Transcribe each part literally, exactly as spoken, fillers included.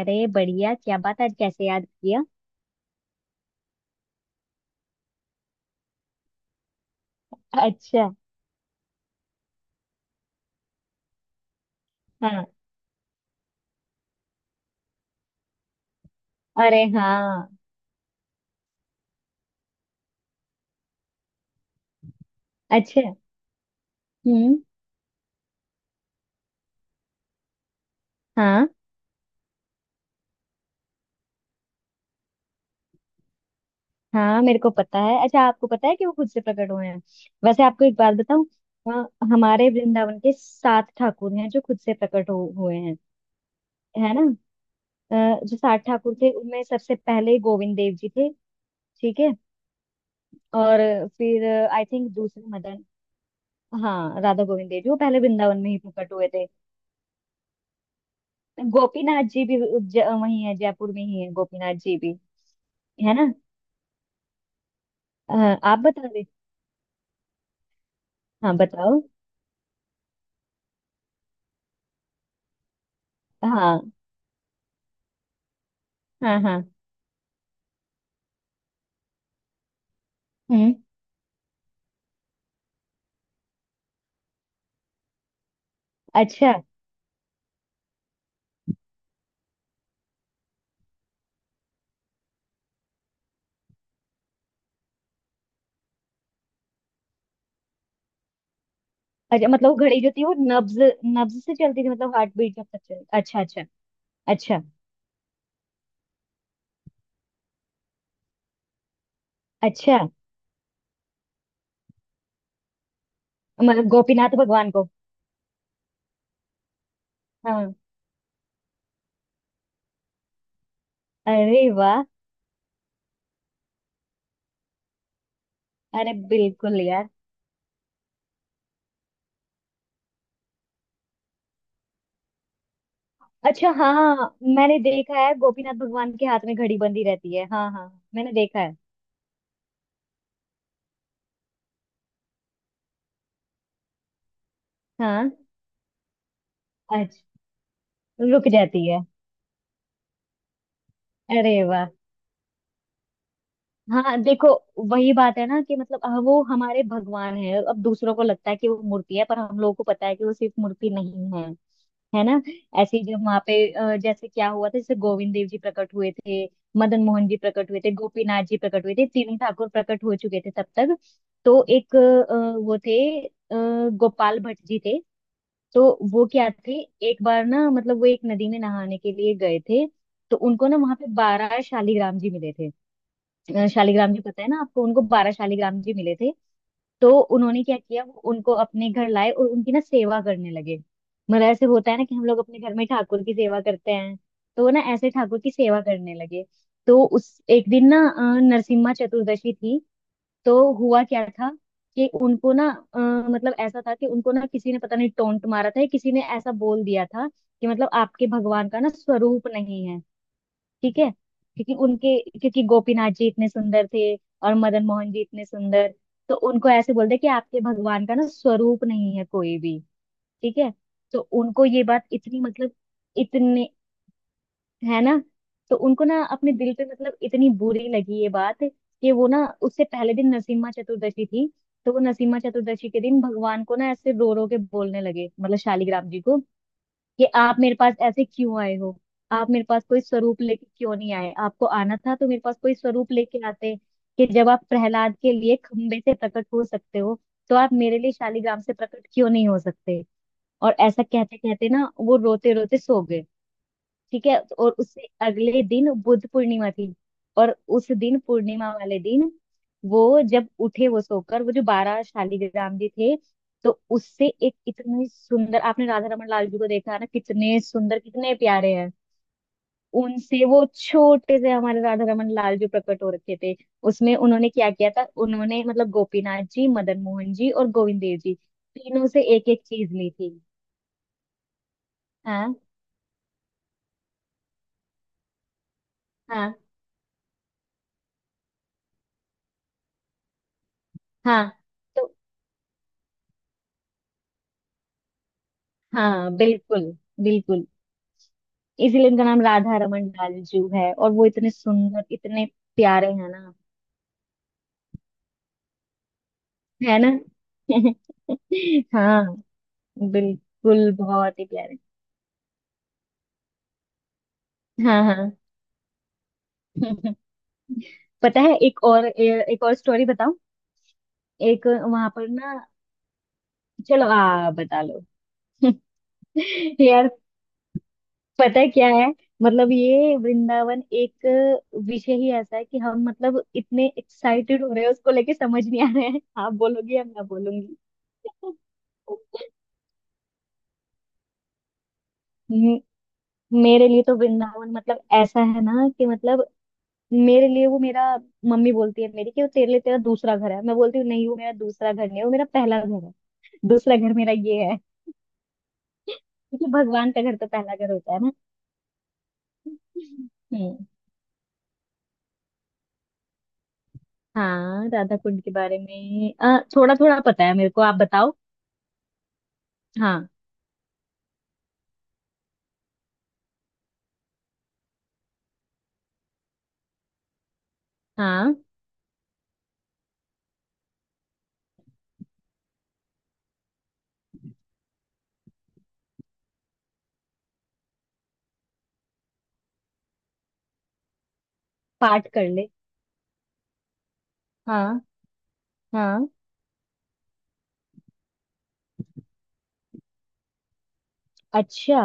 अरे बढ़िया। क्या बात, आज कैसे याद किया। अच्छा। हाँ। अरे हाँ। अच्छा। हम्म। हाँ हाँ, मेरे को पता है। अच्छा, आपको पता है कि वो खुद से प्रकट हुए हैं। वैसे आपको एक बात बताऊं, अ, हमारे वृंदावन के सात ठाकुर हैं जो खुद से प्रकट हो, हुए हैं। है ना। अ, जो सात ठाकुर थे उनमें सबसे पहले गोविंद देव जी थे। ठीक है। और फिर आई थिंक दूसरे मदन। हाँ, राधा गोविंद देव जी वो पहले वृंदावन में ही प्रकट हुए थे। गोपीनाथ जी भी ज, वही है, जयपुर में ही है गोपीनाथ जी भी। है ना। अ, आप बता रहे। हाँ, बताओ। हाँ। हाँ हाँ। हम्म। अच्छा। अच्छा, मतलब वो घड़ी जो थी वो नब्ज नब्ज से चलती थी, मतलब हार्ट बीट जब तक चली। अच्छा अच्छा। अच्छा। अच्छा, मतलब गोपीनाथ भगवान को। हाँ। अरे वाह। अरे बिल्कुल यार। अच्छा। हाँ हाँ, मैंने देखा है गोपीनाथ भगवान के हाथ में घड़ी बंधी रहती है। हाँ हाँ। मैंने देखा है। हाँ। अच्छा। रुक जाती है। अरे वाह। हाँ, देखो। वही बात है ना कि मतलब अ, वो हमारे भगवान है। अब दूसरों को लगता है कि वो मूर्ति है, पर हम लोगों को पता है कि वो सिर्फ मूर्ति नहीं है। है ना। ऐसे ही जब वहां पे अ, जैसे क्या हुआ था। जैसे गोविंद देव जी प्रकट हुए थे, मदन मोहन जी प्रकट हुए थे, गोपीनाथ जी प्रकट हुए थे। तीनों ठाकुर प्रकट हो चुके थे तब तक। तो एक अ, वो थे, अ, गोपाल भट्ट जी थे। तो वो क्या थे, एक बार ना मतलब वो एक नदी में नहाने के लिए गए थे। तो उनको ना वहां पे बारह शालिग्राम जी मिले थे। अ, शालिग्राम जी पता है ना आपको, उनको बारह शालिग्राम जी मिले थे। तो उन्होंने क्या किया, वो उनको अपने घर लाए और उनकी ना सेवा करने लगे। मतलब ऐसे होता है ना कि हम लोग अपने घर में ठाकुर की सेवा करते हैं। तो वो ना ऐसे ठाकुर की सेवा करने लगे। तो उस एक दिन ना अ, नरसिम्हा चतुर्दशी थी। तो हुआ क्या था कि उनको ना अ, मतलब ऐसा था कि उनको ना किसी ने पता नहीं टोंट मारा था या किसी ने ऐसा बोल दिया था कि मतलब आपके भगवान का ना स्वरूप नहीं है। ठीक है, क्योंकि उनके क्योंकि गोपीनाथ जी इतने सुंदर थे और मदन मोहन जी इतने सुंदर। तो उनको ऐसे बोलते हैं कि आपके भगवान का ना स्वरूप नहीं है कोई भी। ठीक है। तो उनको ये बात इतनी मतलब इतने, है ना। तो उनको ना अपने दिल पे मतलब इतनी बुरी लगी ये बात कि वो ना, उससे पहले दिन नरसिम्हा चतुर्दशी थी। तो वो नरसिम्हा चतुर्दशी के दिन भगवान को ना ऐसे रो रो के बोलने लगे, मतलब शालिग्राम जी को, कि आप मेरे पास ऐसे क्यों आए हो। आप मेरे पास कोई स्वरूप लेके क्यों नहीं आए, आपको आना था तो मेरे पास कोई स्वरूप लेके आते। कि जब आप प्रहलाद के लिए खंबे से प्रकट हो सकते हो तो आप मेरे लिए शालिग्राम से प्रकट क्यों नहीं हो सकते। और ऐसा कहते कहते ना वो रोते रोते सो गए। ठीक है। और उससे अगले दिन बुद्ध पूर्णिमा थी। और उस दिन पूर्णिमा वाले दिन वो जब उठे वो सोकर, वो जो बारह शालीग्राम जी थे, तो उससे एक इतनी सुंदर, आपने राधा रमन लाल जी को देखा है ना, कितने सुंदर कितने प्यारे हैं। उनसे वो छोटे से हमारे राधा रमन लाल जी प्रकट हो रखे थे। उसमें उन्होंने क्या किया था, उन्होंने मतलब गोपीनाथ जी, मदन मोहन जी और गोविंद देव जी तीनों से एक एक चीज ली थी। हाँ। हाँ। हाँ। तो हाँ बिल्कुल। बिल्कुल। इसीलिए इनका नाम राधा रमन लालजू है और वो इतने सुंदर इतने प्यारे हैं ना। है ना। हाँ। बिल्कुल बहुत ही प्यारे। हाँ हाँ। पता है एक और ए- एक और स्टोरी बताऊं। एक वहां पर ना चलो आ बता लो। यार, पता है क्या है, मतलब ये वृंदावन एक विषय ही ऐसा है कि हम मतलब इतने एक्साइटेड हो रहे हैं उसको लेके, समझ नहीं आ रहे हैं आप बोलोगी या मैं बोलूंगी। मेरे लिए तो वृंदावन मतलब ऐसा है ना कि मतलब मेरे लिए वो मेरा, मम्मी बोलती है मेरी कि वो तेरे लिए तेरा दूसरा घर है। मैं बोलती हूँ नहीं, वो मेरा दूसरा घर नहीं है, वो मेरा पहला घर है। दूसरा घर मेरा ये है, क्योंकि भगवान का घर तो पहला घर होता है ना। हम्म। हाँ, राधा कुंड के बारे में आ, थोड़ा थोड़ा पता है मेरे को, आप बताओ। हाँ। हाँ, पाठ कर ले। हाँ। हाँ। अच्छा,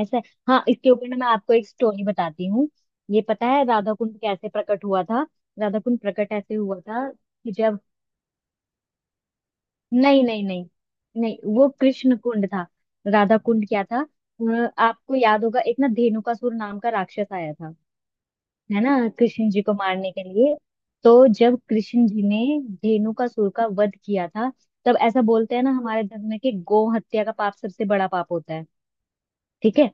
ऐसा है। हाँ, इसके ऊपर ना मैं आपको एक स्टोरी बताती हूँ। ये पता है राधा कुंड कैसे प्रकट हुआ था। राधा कुंड प्रकट ऐसे हुआ था कि जब, नहीं नहीं नहीं, नहीं वो कृष्ण कुंड था। राधा कुंड क्या था, अ, आपको याद होगा एक ना धेनुकासुर नाम का राक्षस आया था। है ना, कृष्ण जी को मारने के लिए। तो जब कृष्ण जी ने धेनुकासुर का वध किया था, तब ऐसा बोलते हैं ना हमारे धर्म में कि गौ हत्या का पाप सबसे बड़ा पाप होता है। ठीक है।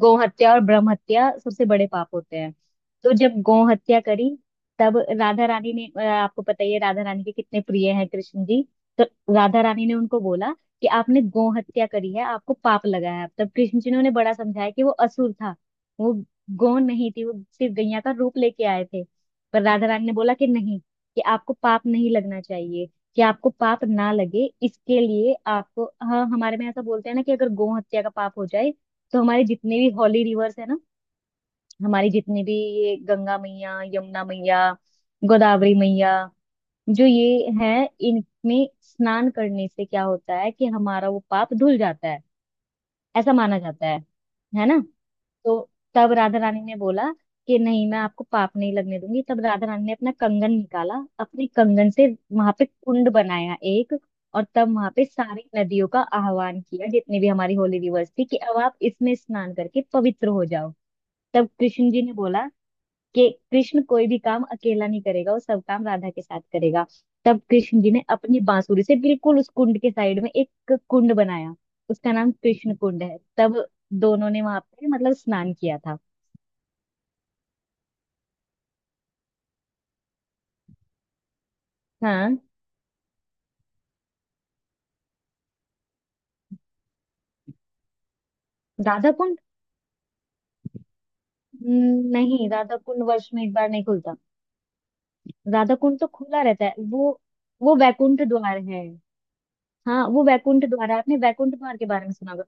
गौ हत्या और ब्रह्म हत्या सबसे बड़े पाप होते हैं। तो जब गौ हत्या करी, तब राधा रानी ने अ, आपको पता ही है राधा रानी के कितने प्रिय हैं कृष्ण जी। तो राधा रानी ने उनको बोला कि आपने गौ हत्या करी है, आपको पाप लगा है। तब कृष्ण जी ने उन्हें बड़ा समझाया कि वो असुर था, वो गौ नहीं थी, वो सिर्फ गैया का रूप लेके आए थे। पर राधा रानी ने बोला कि नहीं, कि आपको पाप नहीं लगना चाहिए, कि आपको पाप ना लगे इसके लिए आपको। हाँ, हमारे में ऐसा बोलते हैं ना कि अगर गौ हत्या का पाप हो जाए, तो हमारे जितने भी हॉली रिवर्स है ना, हमारी जितने भी, ये गंगा मैया, यमुना मैया, गोदावरी मैया, जो ये है, इनमें स्नान करने से क्या होता है कि हमारा वो पाप धुल जाता है। ऐसा माना जाता है। है ना। तो तब राधा रानी ने बोला कि नहीं, मैं आपको पाप नहीं लगने दूंगी। तब राधा रानी ने अपना कंगन निकाला, अपने कंगन से वहां पे कुंड बनाया एक। और तब वहां पे सारी नदियों का आह्वान किया, जितनी भी हमारी होली रिवर्स थी, कि अब आप इसमें स्नान करके पवित्र हो जाओ। तब कृष्ण जी ने बोला कि कृष्ण कोई भी काम अकेला नहीं करेगा, वो सब काम राधा के साथ करेगा। तब कृष्ण जी ने अपनी बांसुरी से बिल्कुल उस कुंड के साइड में एक कुंड बनाया, उसका नाम कृष्ण कुंड है। तब दोनों ने वहां पे मतलब स्नान किया था। हाँ। राधा कुंड। हम्म, नहीं, राधा कुंड वर्ष में एक बार नहीं खुलता। राधा कुंड तो खुला रहता है वो वो वैकुंठ द्वार है। हाँ वो वैकुंठ द्वार है, आपने वैकुंठ द्वार के बारे में सुना होगा।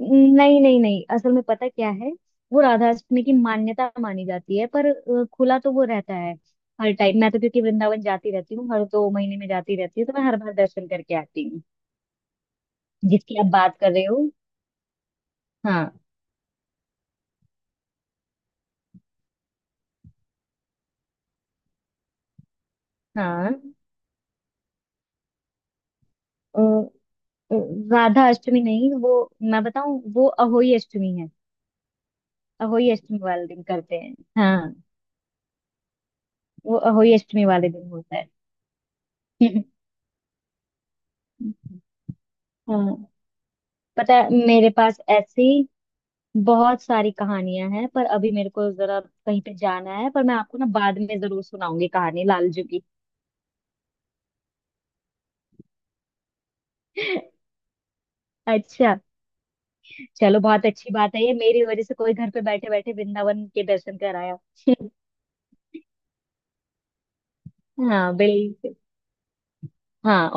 नहीं नहीं नहीं, असल में पता क्या है, वो राधा अष्टमी की मान्यता मानी जाती है पर अ, खुला तो वो रहता है हर टाइम। मैं तो क्योंकि वृंदावन जाती रहती हूँ, हर दो महीने में जाती रहती हूँ, तो मैं हर बार दर्शन करके आती हूँ। जिसकी आप बात कर रहे हो। हाँ। हाँ। अ, अ, राधा अष्टमी नहीं, वो मैं बताऊँ वो अहोई अष्टमी है। अहोई अष्टमी वाले दिन करते हैं। हाँ, वो अहोई अष्टमी वाले दिन होता है। हाँ। पता है, मेरे पास ऐसी बहुत सारी कहानियां हैं, पर अभी मेरे को जरा कहीं पे जाना है, पर मैं आपको ना बाद में जरूर सुनाऊंगी कहानी लालजू की। अच्छा। चलो बहुत अच्छी बात है, ये मेरी वजह से कोई घर पे बैठे बैठे वृंदावन के दर्शन कराया। हाँ बिल्कुल। हाँ।